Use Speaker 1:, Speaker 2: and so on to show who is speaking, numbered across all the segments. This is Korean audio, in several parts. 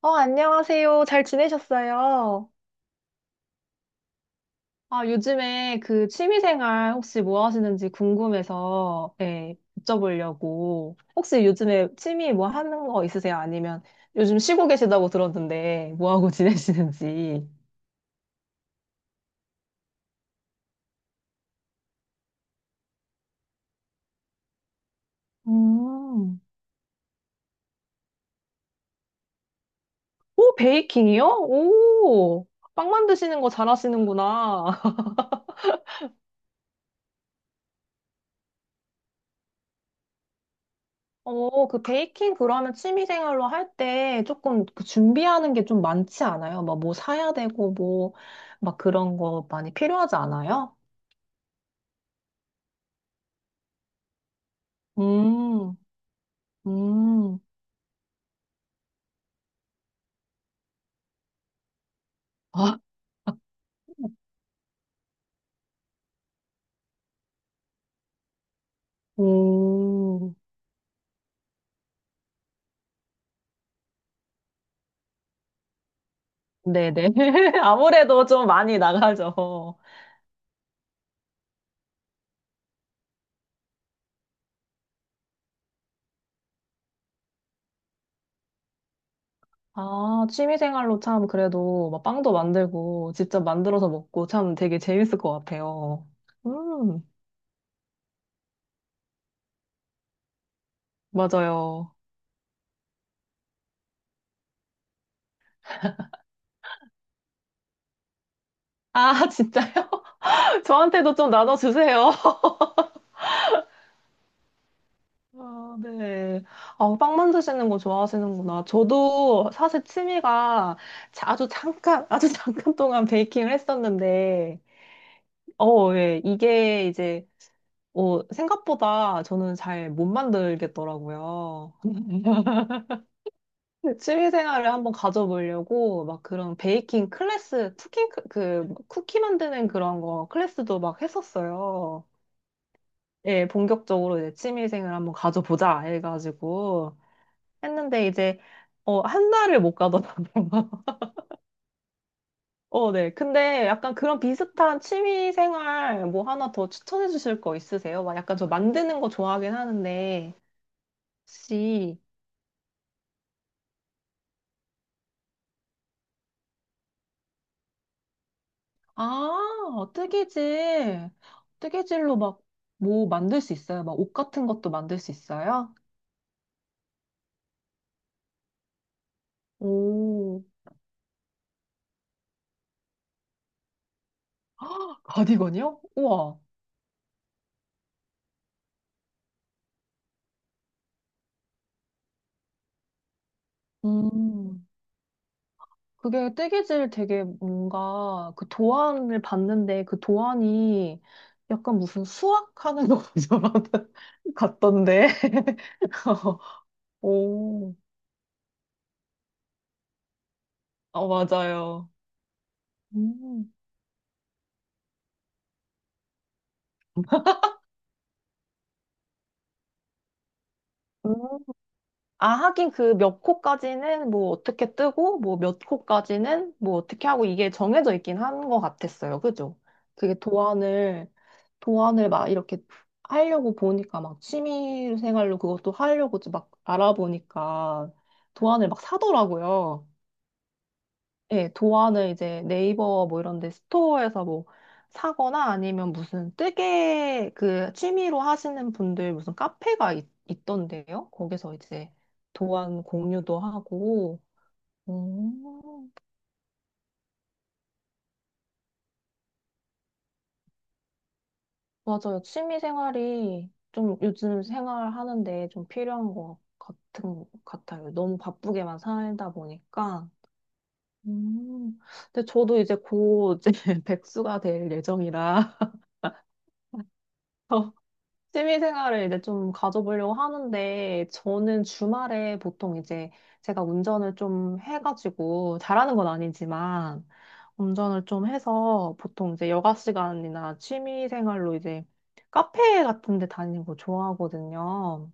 Speaker 1: 어, 안녕하세요. 잘 지내셨어요? 아, 요즘에 그 취미생활 혹시 뭐 하시는지 궁금해서, 예, 여쭤보려고. 혹시 요즘에 취미 뭐 하는 거 있으세요? 아니면 요즘 쉬고 계시다고 들었는데, 뭐 하고 지내시는지. 음. 오, 베이킹이요? 오, 빵 만드시는 거 잘하시는구나. 어, 그 베이킹 그러면 취미생활로 할 때 조금 그 준비하는 게 좀 많지 않아요? 막 뭐 사야 되고 뭐 막 그런 거 많이 필요하지 않아요? 음, 음, 아, 음, 네네. 아무래도 좀 많이 나가죠. 아, 취미생활로 참 그래도 막 빵도 만들고 직접 만들어서 먹고 참 되게 재밌을 것 같아요. 음, 맞아요. 아, 진짜요? 저한테도 좀 나눠주세요. 아, 네. 아, 빵 만드시는 거 좋아하시는구나. 저도 사실 취미가 아주 잠깐, 아주 잠깐 동안 베이킹을 했었는데, 어, 예. 이게 이제, 어, 생각보다 저는 잘 못 만들겠더라고요. 취미 생활을 한번 가져보려고 막 그런 베이킹 클래스, 쿠킹, 그, 쿠키 만드는 그런 거 클래스도 막 했었어요. 예, 본격적으로 이제 취미 생활 한번 가져보자 해가지고. 했는데 이제 어, 한 달을 못 가더라고요. 어, 네. 근데 약간 그런 비슷한 취미 생활 뭐 하나 더 추천해 주실 거 있으세요? 막 약간 저 만드는 거 좋아하긴 하는데 혹시 아, 뜨개질. 뜨개질로 막 뭐 만들 수 있어요? 막 옷 같은 것도 만들 수 있어요? 오. 가디건이요? 우와. 음. 그게 뜨개질 되게 뭔가 그 도안을 봤는데 그 도안이 약간 무슨 수학하는 것처럼 같던데. 오, 어, 맞아요. 음. 아, 하긴 그 몇 코까지는 뭐 어떻게 뜨고, 뭐 몇 코까지는 뭐 어떻게 하고 이게 정해져 있긴 한 것 같았어요. 그죠? 그게 도안을, 도안을 막 이렇게 하려고 보니까 막 취미 생활로 그것도 하려고 막 알아보니까 도안을 막 사더라고요. 예, 도안을 이제 네이버 뭐 이런 데 스토어에서 뭐 사거나 아니면 무슨 뜨개 그 취미로 하시는 분들 무슨 카페가 있던데요. 거기서 이제 도안 공유도 하고. 음, 맞아요. 취미 생활이 좀 요즘 생활하는데 좀 필요한 것 같아요. 너무 바쁘게만 살다 보니까. 음, 근데 저도 이제 곧 이제 백수가 될 예정이라. 취미 생활을 이제 좀 가져보려고 하는데, 저는 주말에 보통 이제 제가 운전을 좀 해가지고, 잘하는 건 아니지만, 운전을 좀 해서 보통 이제 여가 시간이나 취미 생활로 이제 카페 같은 데 다니는 거 좋아하거든요.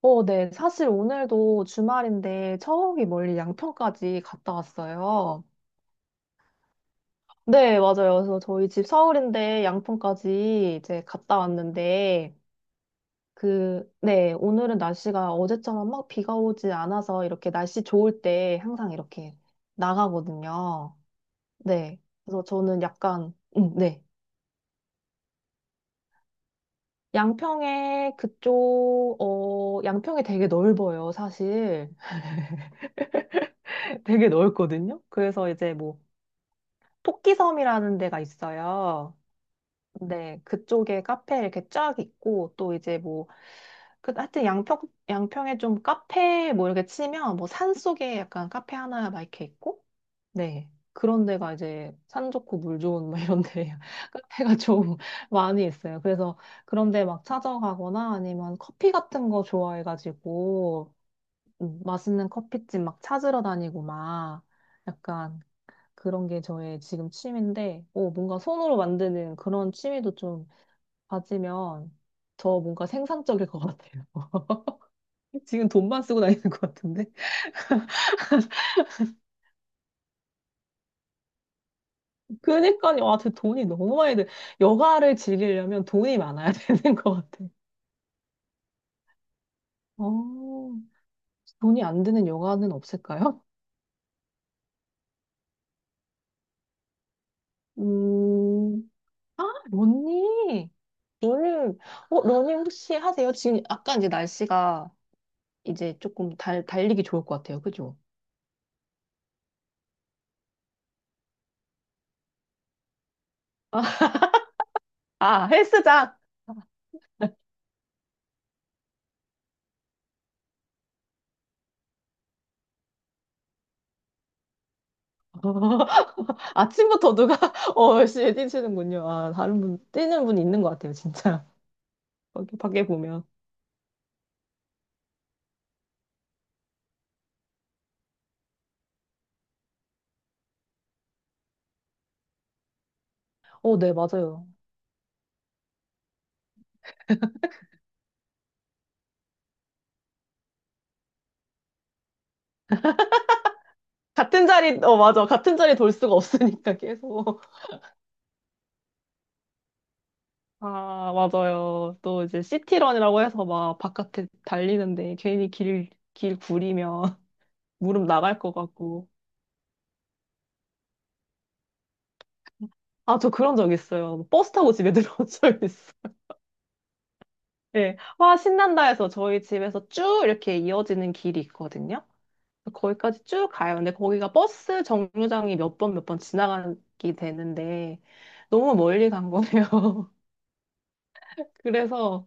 Speaker 1: 어, 네. 사실 오늘도 주말인데 저기 멀리 양평까지 갔다 왔어요. 네, 맞아요. 그래서 저희 집 서울인데 양평까지 이제 갔다 왔는데, 그, 네, 오늘은 날씨가 어제처럼 막 비가 오지 않아서 이렇게 날씨 좋을 때 항상 이렇게 나가거든요. 네. 그래서 저는 약간, 네. 양평에 그쪽, 어, 양평이 되게 넓어요, 사실. 되게 넓거든요. 그래서 이제 뭐, 토끼섬이라는 데가 있어요. 네, 그쪽에 카페 이렇게 쫙 있고, 또 이제 뭐, 그, 하여튼 양평, 양평에 좀 카페 뭐 이렇게 치면, 뭐 산 속에 약간 카페 하나 막 이렇게 있고, 네. 그런 데가 이제 산 좋고 물 좋은 막 이런 데 카페가 좀 많이 있어요. 그래서 그런 데 막 찾아가거나 아니면 커피 같은 거 좋아해가지고, 맛있는 커피집 막 찾으러 다니고 막, 약간 그런 게 저의 지금 취미인데, 오, 뭔가 손으로 만드는 그런 취미도 좀 가지면 저 뭔가 생산적일 것 같아요. 지금 돈만 쓰고 다니는 것 같은데. 그러니까요. 아, 저 돈이 너무 많이 들. 여가를 즐기려면 돈이 많아야 되는 것 같아요. 어, 돈이 안 드는 여가는 없을까요? 음, 아, 러닝. 러닝. 어, 러닝 혹시 하세요? 지금 약간 이제 날씨가 이제 조금 달리기 좋을 것 같아요. 그죠? 아, 헬스장. 아침부터 누가 어 열심히 뛰시는군요. 아 다른 분 뛰는 분이 있는 것 같아요, 진짜. 거기 밖에 보면. 어, 네, 맞아요. 같은 자리, 어, 맞아. 같은 자리 돌 수가 없으니까 계속. 아, 맞아요. 또 이제 시티런이라고 해서 막 바깥에 달리는데 괜히 길 구리면 무릎 나갈 것 같고. 아, 저 그런 적 있어요. 버스 타고 집에 들어온 적 있어. 예. 와, 신난다 해서 저희 집에서 쭉 이렇게 이어지는 길이 있거든요. 거기까지 쭉 가요. 근데 거기가 버스 정류장이 몇 번 몇 번 지나가게 되는데 너무 멀리 간 거네요. 그래서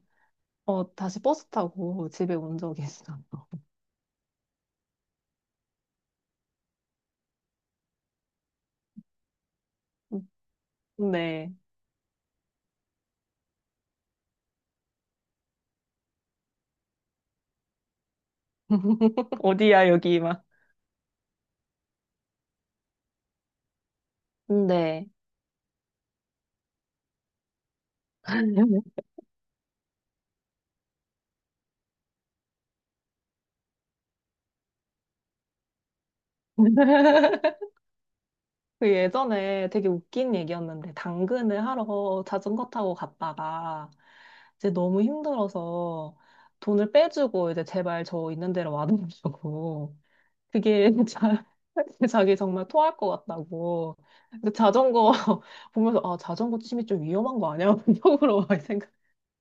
Speaker 1: 어, 다시 버스 타고 집에 온 적이 있어요. 네. 어디야 여기 막. 네. 그 예전에 되게 웃긴 얘기였는데 당근을 하러 자전거 타고 갔다가 이제 너무 힘들어서 돈을 빼주고 이제 제발 저 있는 데로 와달라고 그게 자기 정말 토할 것 같다고. 근데 자전거 보면서 아 자전거 취미 좀 위험한 거 아니야? 속으로 막 생각.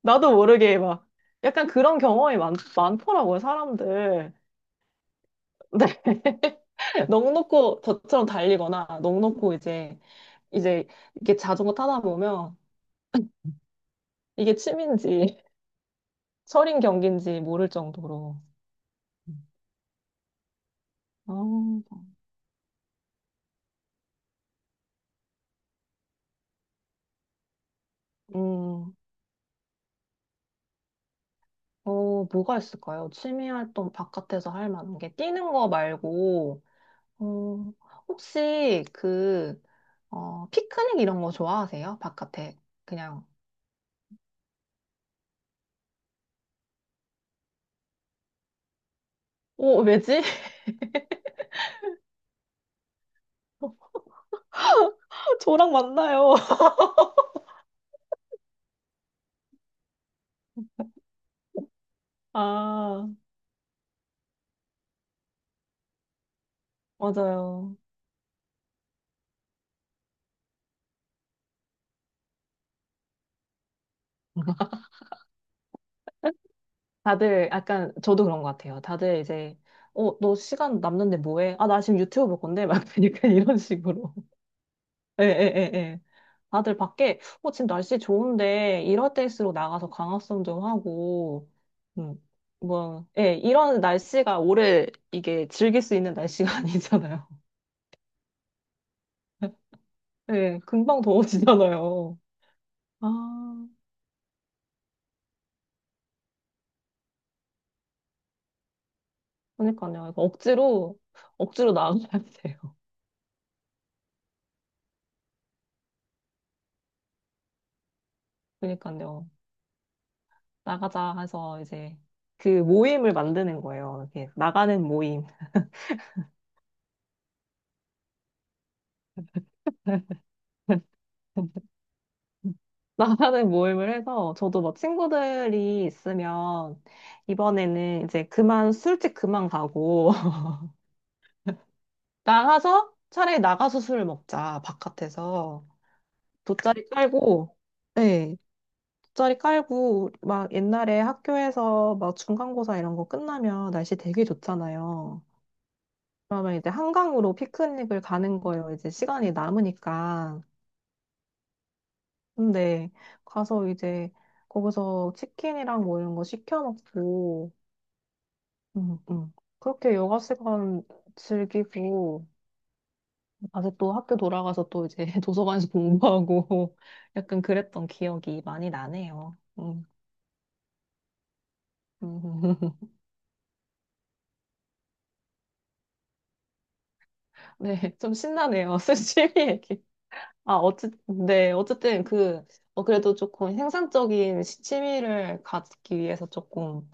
Speaker 1: 나도 모르게 막 약간 그런 경험이 많더라고요 사람들. 네. 넋 놓고 저처럼 달리거나 넋 놓고 이제 이렇게 자전거 타다 보면 이게 취미인지 철인 경기인지 모를 정도로. 아, 음, 어, 뭐가 있을까요? 취미 활동 바깥에서 할 만한 게 뛰는 거 말고 어, 혹시 그, 어, 피크닉 이런 거 좋아하세요? 바깥에 그냥. 오 왜지? 저랑 만나요. 아, 맞아요. 다들 약간 저도 그런 것 같아요. 다들 이제 어, 너 시간 남는데 뭐 해? 아, 나 지금 유튜브 볼 건데 막 그러니까 이런 식으로. 예, 예, 예, 예. 다들 밖에 어, 지금 날씨 좋은데 이럴 때일수록 나가서 강화성 좀 하고 음. 뭐 예, 이런 날씨가 오래 이게 즐길 수 있는 날씨가 아니잖아요. 네, 금방 더워지잖아요. 아, 그러니까요. 이거 억지로, 억지로 나가야 돼요. 그러니까요. 나가자 해서 이제 그 모임을 만드는 거예요. 이렇게 나가는 모임. 나가는 모임을 해서 저도 뭐 친구들이 있으면 이번에는 이제 그만 술집 그만 가고 나가서 차라리 나가서 술을 먹자 바깥에서 돗자리 깔고 네, 짜리 깔고 막 옛날에 학교에서 막 중간고사 이런 거 끝나면 날씨 되게 좋잖아요. 그러면 이제 한강으로 피크닉을 가는 거예요. 이제 시간이 남으니까. 근데 가서 이제 거기서 치킨이랑 뭐 이런 거 시켜 먹고 음, 음. 그렇게 여가 시간 즐기고 다시 또 학교 돌아가서 또 이제 도서관에서 공부하고 약간 그랬던 기억이 많이 나네요. 음. 음. 네, 좀 신나네요. 스시미 얘기. 아, 어쨌든, 네, 어쨌든 그, 어, 그래도 조금 생산적인 시- 취미를 갖기 위해서 조금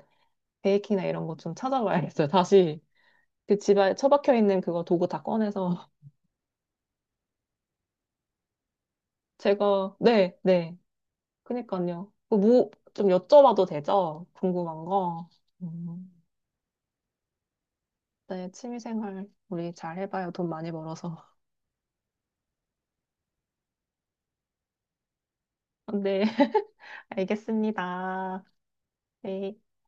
Speaker 1: 베이킹이나 이런 거 좀 찾아봐야겠어요. 다시 그 집에 처박혀 있는 그거 도구 다 꺼내서 제가, 네, 네. 그니까요. 그 뭐, 좀 여쭤봐도 되죠? 궁금한 거. 음, 네, 취미 생활 우리 잘 해봐요. 돈 많이 벌어서. 네, 알겠습니다. 네.